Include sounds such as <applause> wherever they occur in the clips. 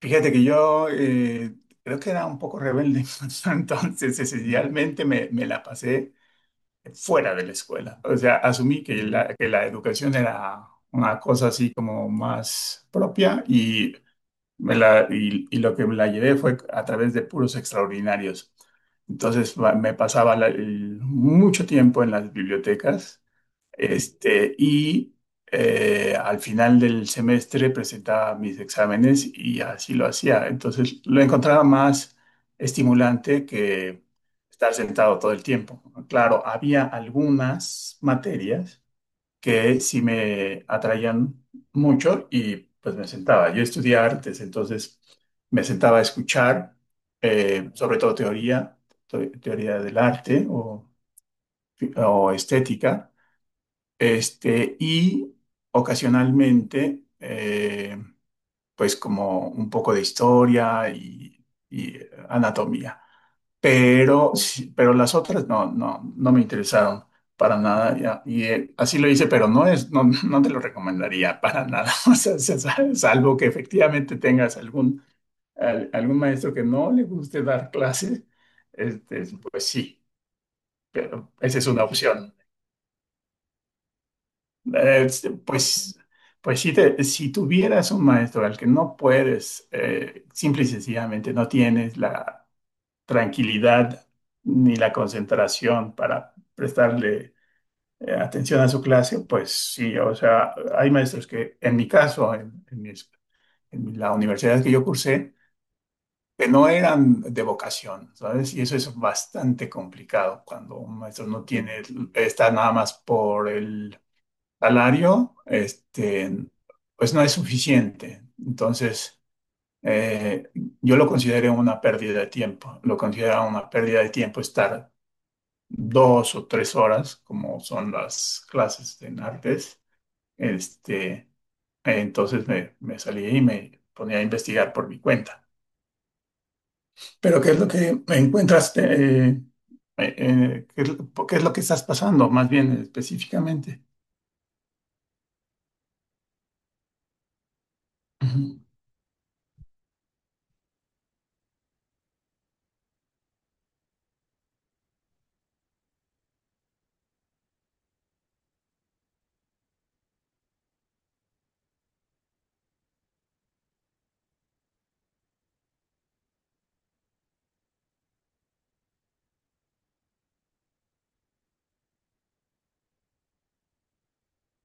Fíjate que yo creo que era un poco rebelde, <laughs> entonces esencialmente me la pasé fuera de la escuela. O sea, asumí que que la educación era una cosa así como más propia y, y lo que me la llevé fue a través de puros extraordinarios. Entonces me pasaba mucho tiempo en las bibliotecas y al final del semestre presentaba mis exámenes y así lo hacía. Entonces lo encontraba más estimulante que estar sentado todo el tiempo. Claro, había algunas materias que sí me atraían mucho y pues me sentaba. Yo estudié artes, entonces me sentaba a escuchar, sobre todo teoría, teoría del arte o estética y ocasionalmente, pues como un poco de historia y anatomía. Pero, pero las otras no, no, no me interesaron para nada. Ya. Y así lo hice, pero no es, no, no te lo recomendaría para nada. <laughs> O sea, salvo que efectivamente tengas algún, algún maestro que no le guste dar clase, pues sí, pero esa es una opción. Eh, Pues, pues si, si tuvieras un maestro al que no puedes, simple y sencillamente no tienes la tranquilidad ni la concentración para prestarle atención a su clase, pues sí, o sea, hay maestros que en mi caso, en en la universidad que yo cursé, que no eran de vocación, ¿sabes? Y eso es bastante complicado cuando un maestro no tiene, está nada más por el salario, pues no es suficiente. Entonces, eh, yo lo considero una pérdida de tiempo. Lo considero una pérdida de tiempo estar dos o tres horas, como son las clases en artes. Este, entonces me salí y me ponía a investigar por mi cuenta. Pero ¿qué es lo que me encuentras? ¿Qué es lo que estás pasando, más bien específicamente? Ujú.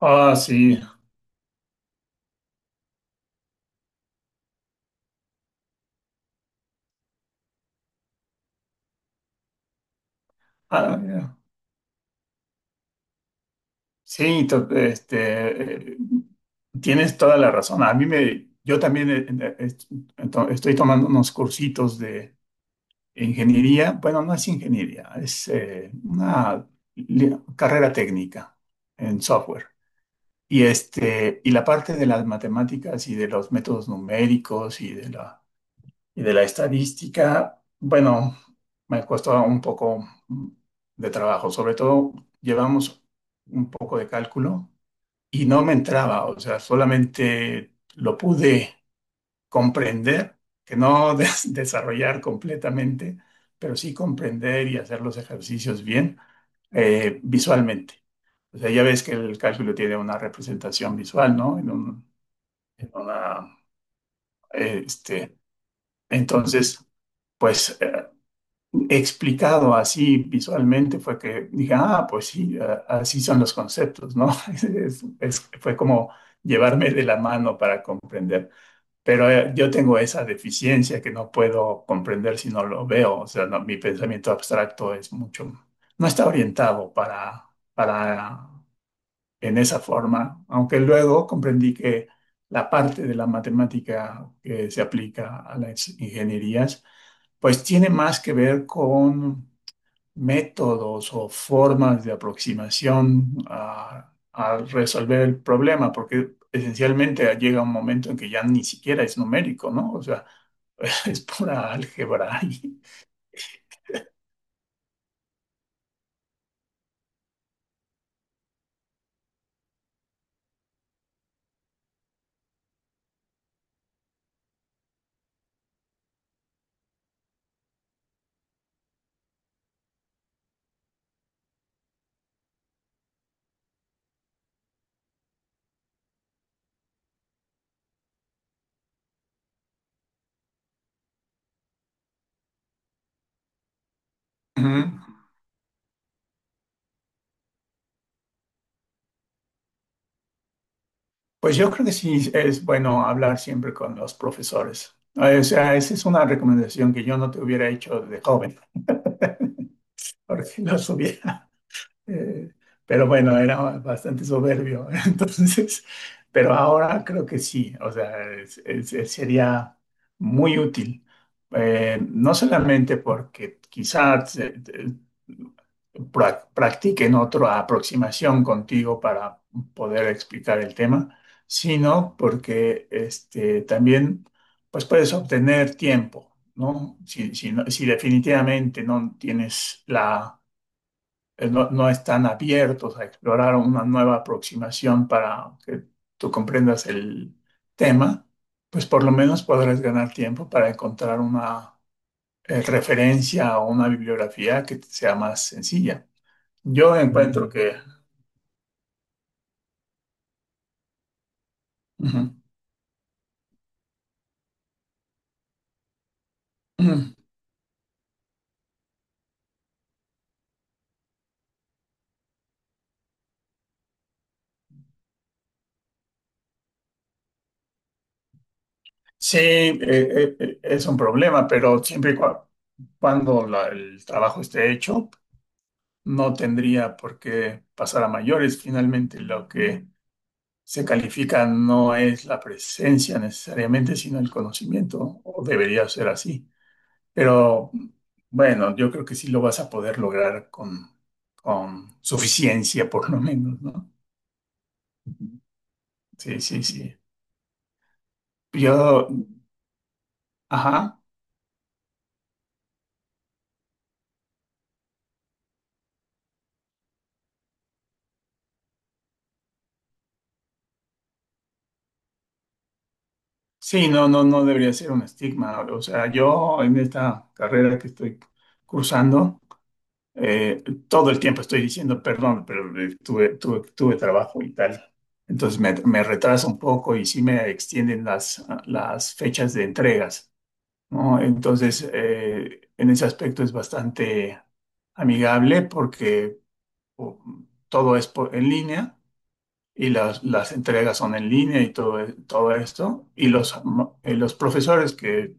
Ah, sí. Ah, ya. Sí, tienes toda la razón. A mí me, yo también estoy tomando unos cursitos de ingeniería. Bueno, no es ingeniería, es una carrera técnica en software. Y y la parte de las matemáticas y de los métodos numéricos y de la estadística, bueno, me costó un poco de trabajo. Sobre todo llevamos un poco de cálculo y no me entraba, o sea, solamente lo pude comprender, que no <laughs> desarrollar completamente, pero sí comprender y hacer los ejercicios bien visualmente. O sea, ya ves que el cálculo tiene una representación visual, ¿no? En una, eh, este, entonces, pues explicado así visualmente fue que dije, ah, pues sí, así son los conceptos, ¿no? <laughs> Fue como llevarme de la mano para comprender. Pero yo tengo esa deficiencia que no puedo comprender si no lo veo. O sea, no, mi pensamiento abstracto es mucho, no está orientado para en esa forma, aunque luego comprendí que la parte de la matemática que se aplica a las ingenierías, pues tiene más que ver con métodos o formas de aproximación a resolver el problema, porque esencialmente llega un momento en que ya ni siquiera es numérico, ¿no? O sea, <laughs> es pura álgebra. Y. Ujú. Pues yo creo que sí es bueno hablar siempre con los profesores. O sea, esa es una recomendación que yo no te hubiera hecho de joven, porque <laughs> los hubiera Eh, pero bueno, era bastante soberbio. <laughs> Entonces, pero ahora creo que sí, o sea, sería muy útil. No solamente porque quizás practiquen otra aproximación contigo para poder explicar el tema, sino porque también pues puedes obtener tiempo, ¿no? Si si definitivamente no tienes la no, no están abiertos a explorar una nueva aproximación para que tú comprendas el tema, pues por lo menos podrás ganar tiempo para encontrar una referencia o una bibliografía que te sea más sencilla. Yo encuentro. Mm. Que ujú, ujú, sí, es un problema, pero siempre y cuando el trabajo esté hecho, no tendría por qué pasar a mayores. Finalmente, lo que se califica no es la presencia necesariamente, sino el conocimiento, ¿no? O debería ser así. Pero bueno, yo creo que sí lo vas a poder lograr con suficiencia, por lo menos, ¿no? Sí, sí, sí. Yo, ajá, sí, no, no, no debería ser un estigma. O sea, yo en esta carrera que estoy cursando, Eh, todo el tiempo estoy diciendo perdón, pero tuve trabajo y tal. Entonces me retraso un poco y sí me extienden las fechas de entregas, ¿no? Entonces, en ese aspecto es bastante amigable porque o, todo es en línea y las entregas son en línea y todo, todo esto. Y los profesores que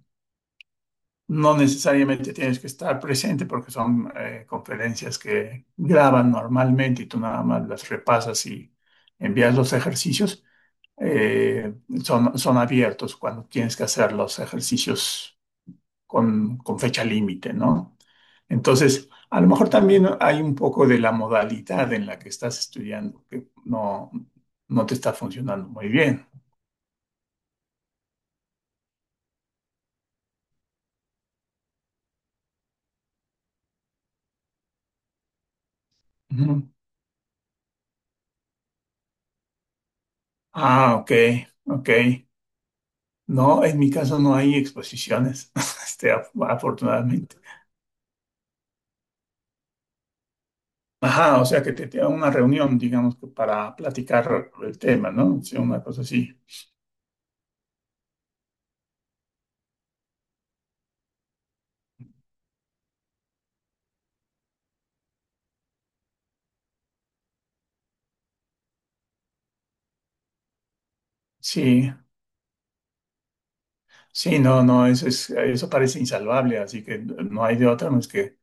no necesariamente tienes que estar presente porque son conferencias que graban normalmente y tú nada más las repasas y envías los ejercicios. Eh, son, son abiertos cuando tienes que hacer los ejercicios con fecha límite, ¿no? Entonces, a lo mejor también hay un poco de la modalidad en la que estás estudiando que no, no te está funcionando muy bien. Ujú. Ah, ok, ok. No, en mi caso no hay exposiciones, <laughs> afortunadamente. Ajá, o sea que te dan una reunión, digamos, que para platicar el tema, ¿no? Sí, una cosa así. Sí, sí, no, no, eso es, eso parece insalvable, así que no hay de otra más que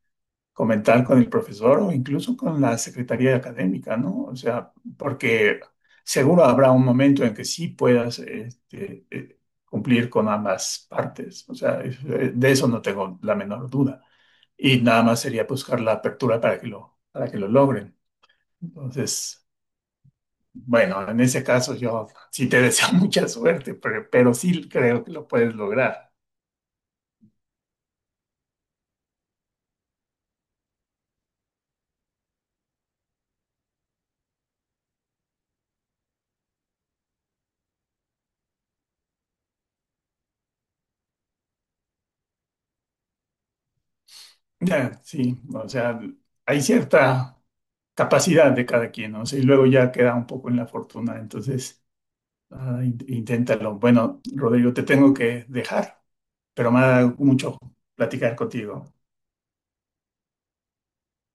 comentar con el profesor o incluso con la secretaría académica, ¿no? O sea, porque seguro habrá un momento en que sí puedas, cumplir con ambas partes. O sea, de eso no tengo la menor duda. Y nada más sería buscar la apertura para que lo logren. Entonces, bueno, en ese caso yo sí te deseo <laughs> mucha suerte, pero sí creo que lo puedes lograr. Ya, sí, o sea, hay cierta capacidad de cada quien, ¿no? O sea, y luego ya queda un poco en la fortuna, entonces ah, inténtalo. Bueno, Rodrigo, te tengo que dejar, pero me ha dado mucho platicar contigo.